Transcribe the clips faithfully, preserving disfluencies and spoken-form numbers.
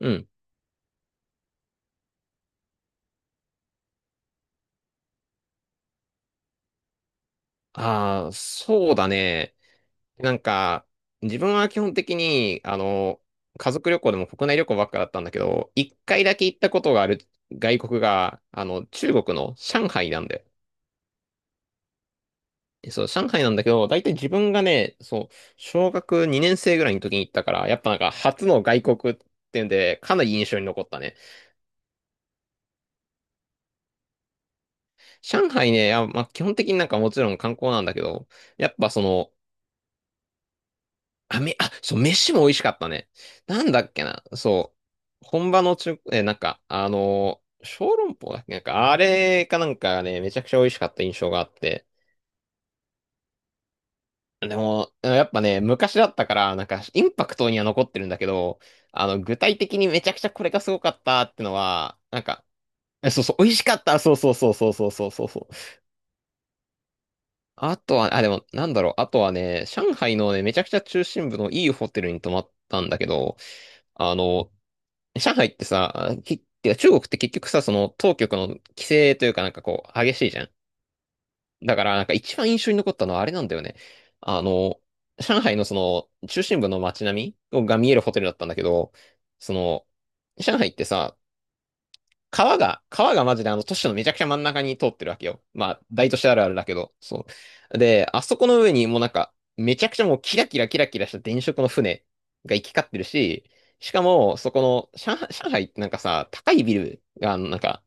うん。ああ、そうだね。なんか、自分は基本的に、あの、家族旅行でも国内旅行ばっかだったんだけど、一回だけ行ったことがある外国が、あの、中国の上海なんで。そう、上海なんだけど、大体自分がね、そう、小学にねん生ぐらいの時に行ったから、やっぱなんか初の外国っていうんで、かなり印象に残ったね。上海ね、あ、まあ、基本的になんかもちろん観光なんだけど、やっぱその、あ、め、あ、そう、飯も美味しかったね。なんだっけな、そう、本場の中、え、なんか、あのー、小籠包だっけ、なんか、あれかなんかね、めちゃくちゃ美味しかった印象があって。でも、やっぱね、昔だったから、なんか、インパクトには残ってるんだけど、あの、具体的にめちゃくちゃこれがすごかったってのは、なんか、えそうそう、美味しかった、そうそうそうそうそうそうそうそう。あとは、あ、でも、なんだろう、あとはね、上海のね、めちゃくちゃ中心部のいいホテルに泊まったんだけど、あの、上海ってさ、き、てか中国って結局さ、その当局の規制というかなんかこう激しいじゃん。だからなんか一番印象に残ったのはあれなんだよね。あの、上海のその中心部の街並みが見えるホテルだったんだけど、その、上海ってさ、川が、川がマジであの都市のめちゃくちゃ真ん中に通ってるわけよ。まあ、大都市あるあるだけど、そう。で、あそこの上にもうなんか、めちゃくちゃもうキラキラキラキラした電飾の船が行き交ってるし、しかも、そこの、上海、上海ってなんかさ、高いビルが、なんか、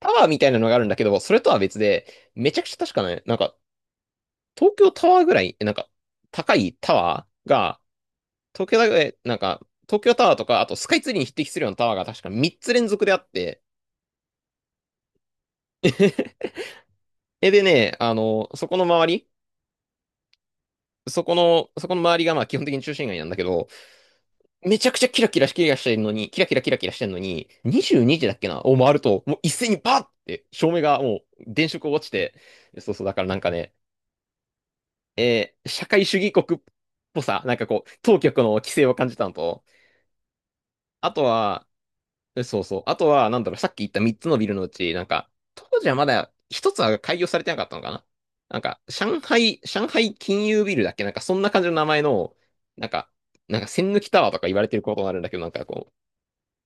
タワーみたいなのがあるんだけど、それとは別で、めちゃくちゃ確かね、なんか、東京タワーぐらい、なんか、高いタワーが、東京だけなんか、東京タワーとか、あとスカイツリーに匹敵するようなタワーが確かみっつ連続であって、え、でね、あの、そこの周り、そこの、そこの周りがまあ基本的に中心街なんだけど、めちゃくちゃキラキラキラしてるのに、キラキラキラキラしてるのに、にじゅうにじだっけな、を回ると、もう一斉にバーって照明がもう電飾を落ちて、そうそう、だからなんかね、えー社会主義国っぽさ、なんかこう、当局の規制を感じたのと、あとは、えそうそう。あとは、なんだろう、さっき言ったみっつのビルのうち、なんか、当時はまだ一つは開業されてなかったのかな、なんか、上海、上海金融ビルだっけなんか、そんな感じの名前の、なんか、なんか、栓抜きタワーとか言われてることになるんだけど、なんかこ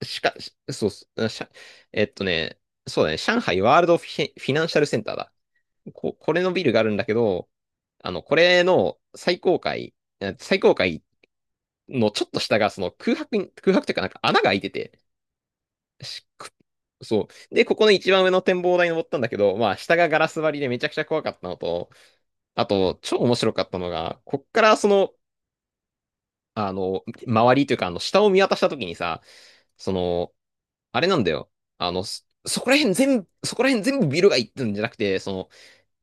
う、しか、しそうっす、あしゃ、えっとね、そうだね、上海ワールドフィ、フィナンシャルセンターだ。こ、これのビルがあるんだけど、あの、これの最高階、え最高階のちょっと下が、その空白に、空白というかなんか穴が開いてて、しくそう。で、ここの一番上の展望台に登ったんだけど、まあ、下がガラス張りでめちゃくちゃ怖かったのと、あと、超面白かったのが、こっからその、あの、周りというか、あの、下を見渡した時にさ、その、あれなんだよ。あの、そそこら辺全部、そこら辺全部ビルがいってんじゃなくて、その、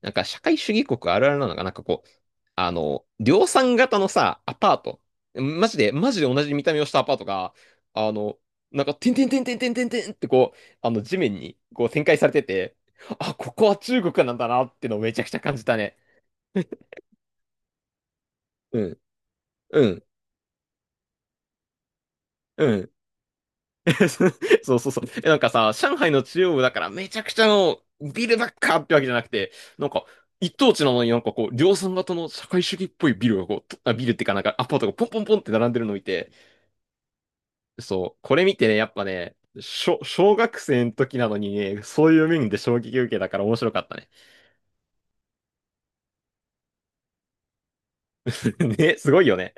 なんか社会主義国あるあるなのが、なんかこう、あの、量産型のさ、アパート。マジで、マジで同じ見た目をしたアパートが、あの、なんか、てんてんてんてんてんてんてんってこう、あの、地面にこう展開されてて、あ、ここは中国なんだなってのをめちゃくちゃ感じたね。うん、うん、うん。そうそうそう。え、なんかさ、上海の中央部だからめちゃくちゃのビルばっかってわけじゃなくて、なんか一等地なのになんかこう、量産型の社会主義っぽいビルがこう、とあ、ビルってかなんかアパートがポンポンポンって並んでるのを見て、そう、これ見てね、やっぱね、小、小学生の時なのにね、そういう面で衝撃受けたから面白かったね。ね、すごいよね。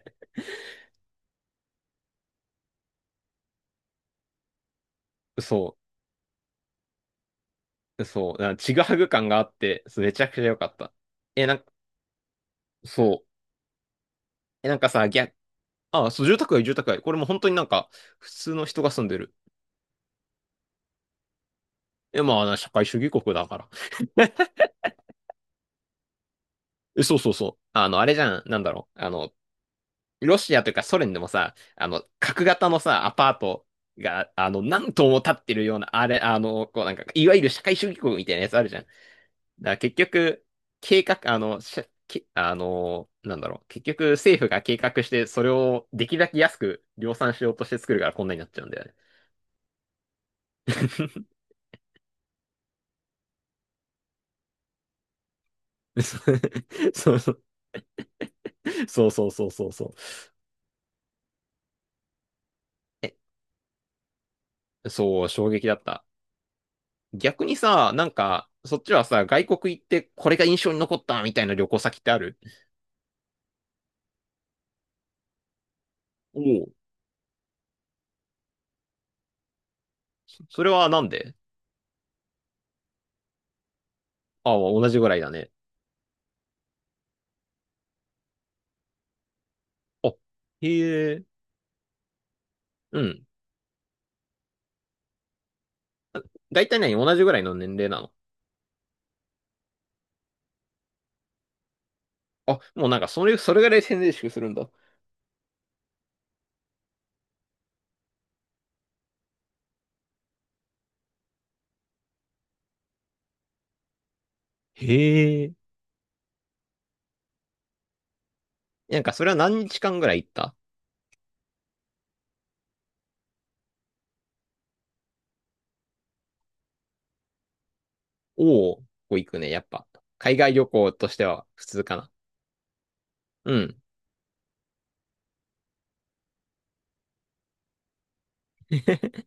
そう、そう、なんかちぐはぐ感があって、そうめちゃくちゃ良かった。え、なんか、そう。え、なんかさ、逆ああ、そう、住宅街、住宅街。これも本当になんか、普通の人が住んでる。え、まあ、社会主義国だから。えそうそうそう。あの、あれじゃん、なんだろう。あの、ロシアというかソ連でもさ、あの、角型のさ、アパートが、あの、何棟も建ってるような、あれ、あの、こうなんか、いわゆる社会主義国みたいなやつあるじゃん。だから結局、計画、あの、しゃけあの、なんだろう。結局、政府が計画して、それをできるだけ安く量産しようとして作るからこんなになっちゃうんだよね。そうそう。そうそうそうそうそう。そう、衝撃だった。逆にさ、なんか、そっちはさ、外国行ってこれが印象に残ったみたいな旅行先ってある？おお。それはなんで？ああ、同じぐらいだね。あ、へえ。うん。大体何同じぐらいの年齢なの？あ、もうなんかそれ、それぐらい宣伝式するんだ。へえ。なんかそれは何日間ぐらい行った？おお。ここ行くね、やっぱ。海外旅行としては普通かな。うん。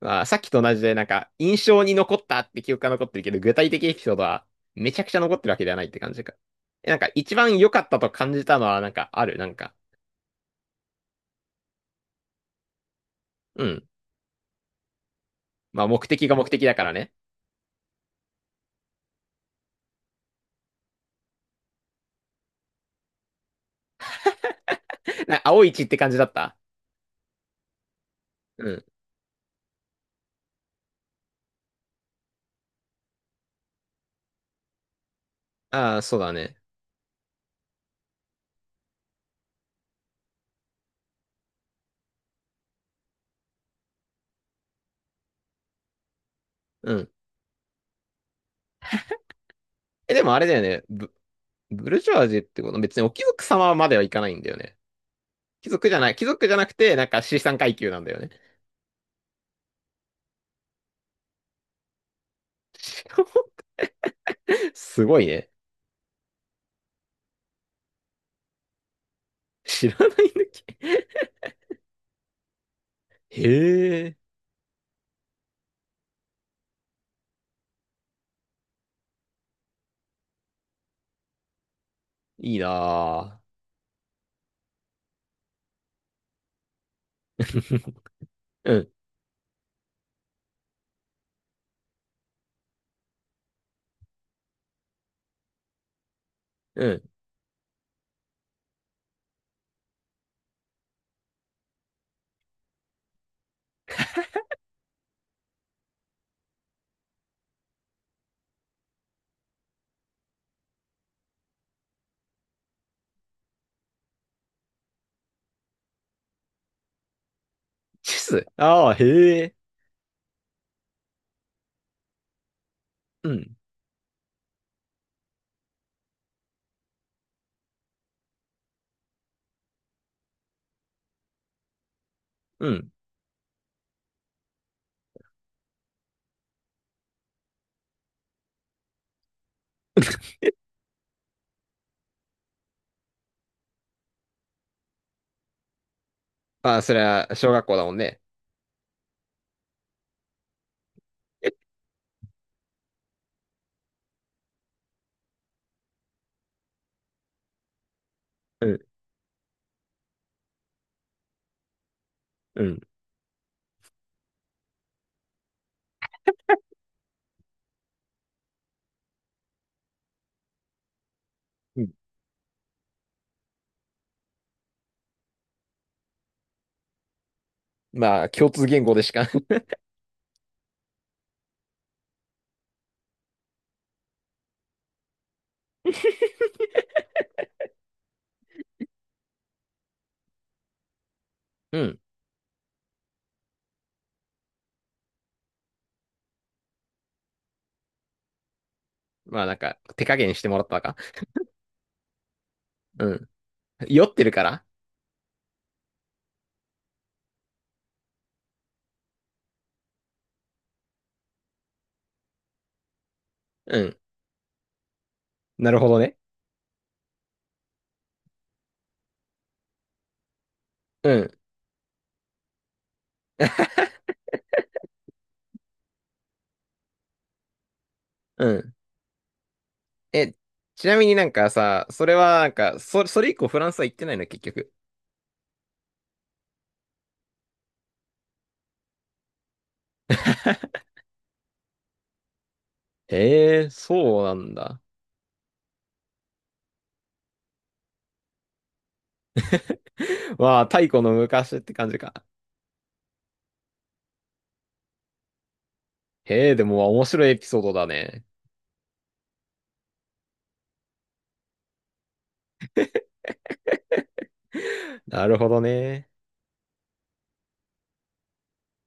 まあ、さっきと同じで、なんか、印象に残ったって記憶が残ってるけど、具体的エピソードはめちゃくちゃ残ってるわけではないって感じか。え、なんか、一番良かったと感じたのは、なんか、ある、なんか、うん。まあ、目的が目的だからね。な、青い血って感じだった？うん。ああ、そうだね。うん。え、でもあれだよね。ブ、ブルジョワジーってこと別にお貴族様まではいかないんだよね。貴族じゃない、貴族じゃなくて、なんか資産階級なんだよね。知らん。 すごいね。知らない抜き。へえ、いいなぁ。うん。うん。チス。ああ、へえ。うん。うん。まあ、それは小学校だもんね。うん。うん。うん。まあ、共通言語でしか。 うん。まあ、なんか、手加減してもらったのか。うん。酔ってるから？うん。なるほどね。うん。うん。え、ちなみになんかさ、それはなんか、そ、それ以降フランスは行ってないの、結局？へえ、そうなんだ。まあ、太古の昔って感じか。へえ、でも面白いエピソードだね。なるほどね。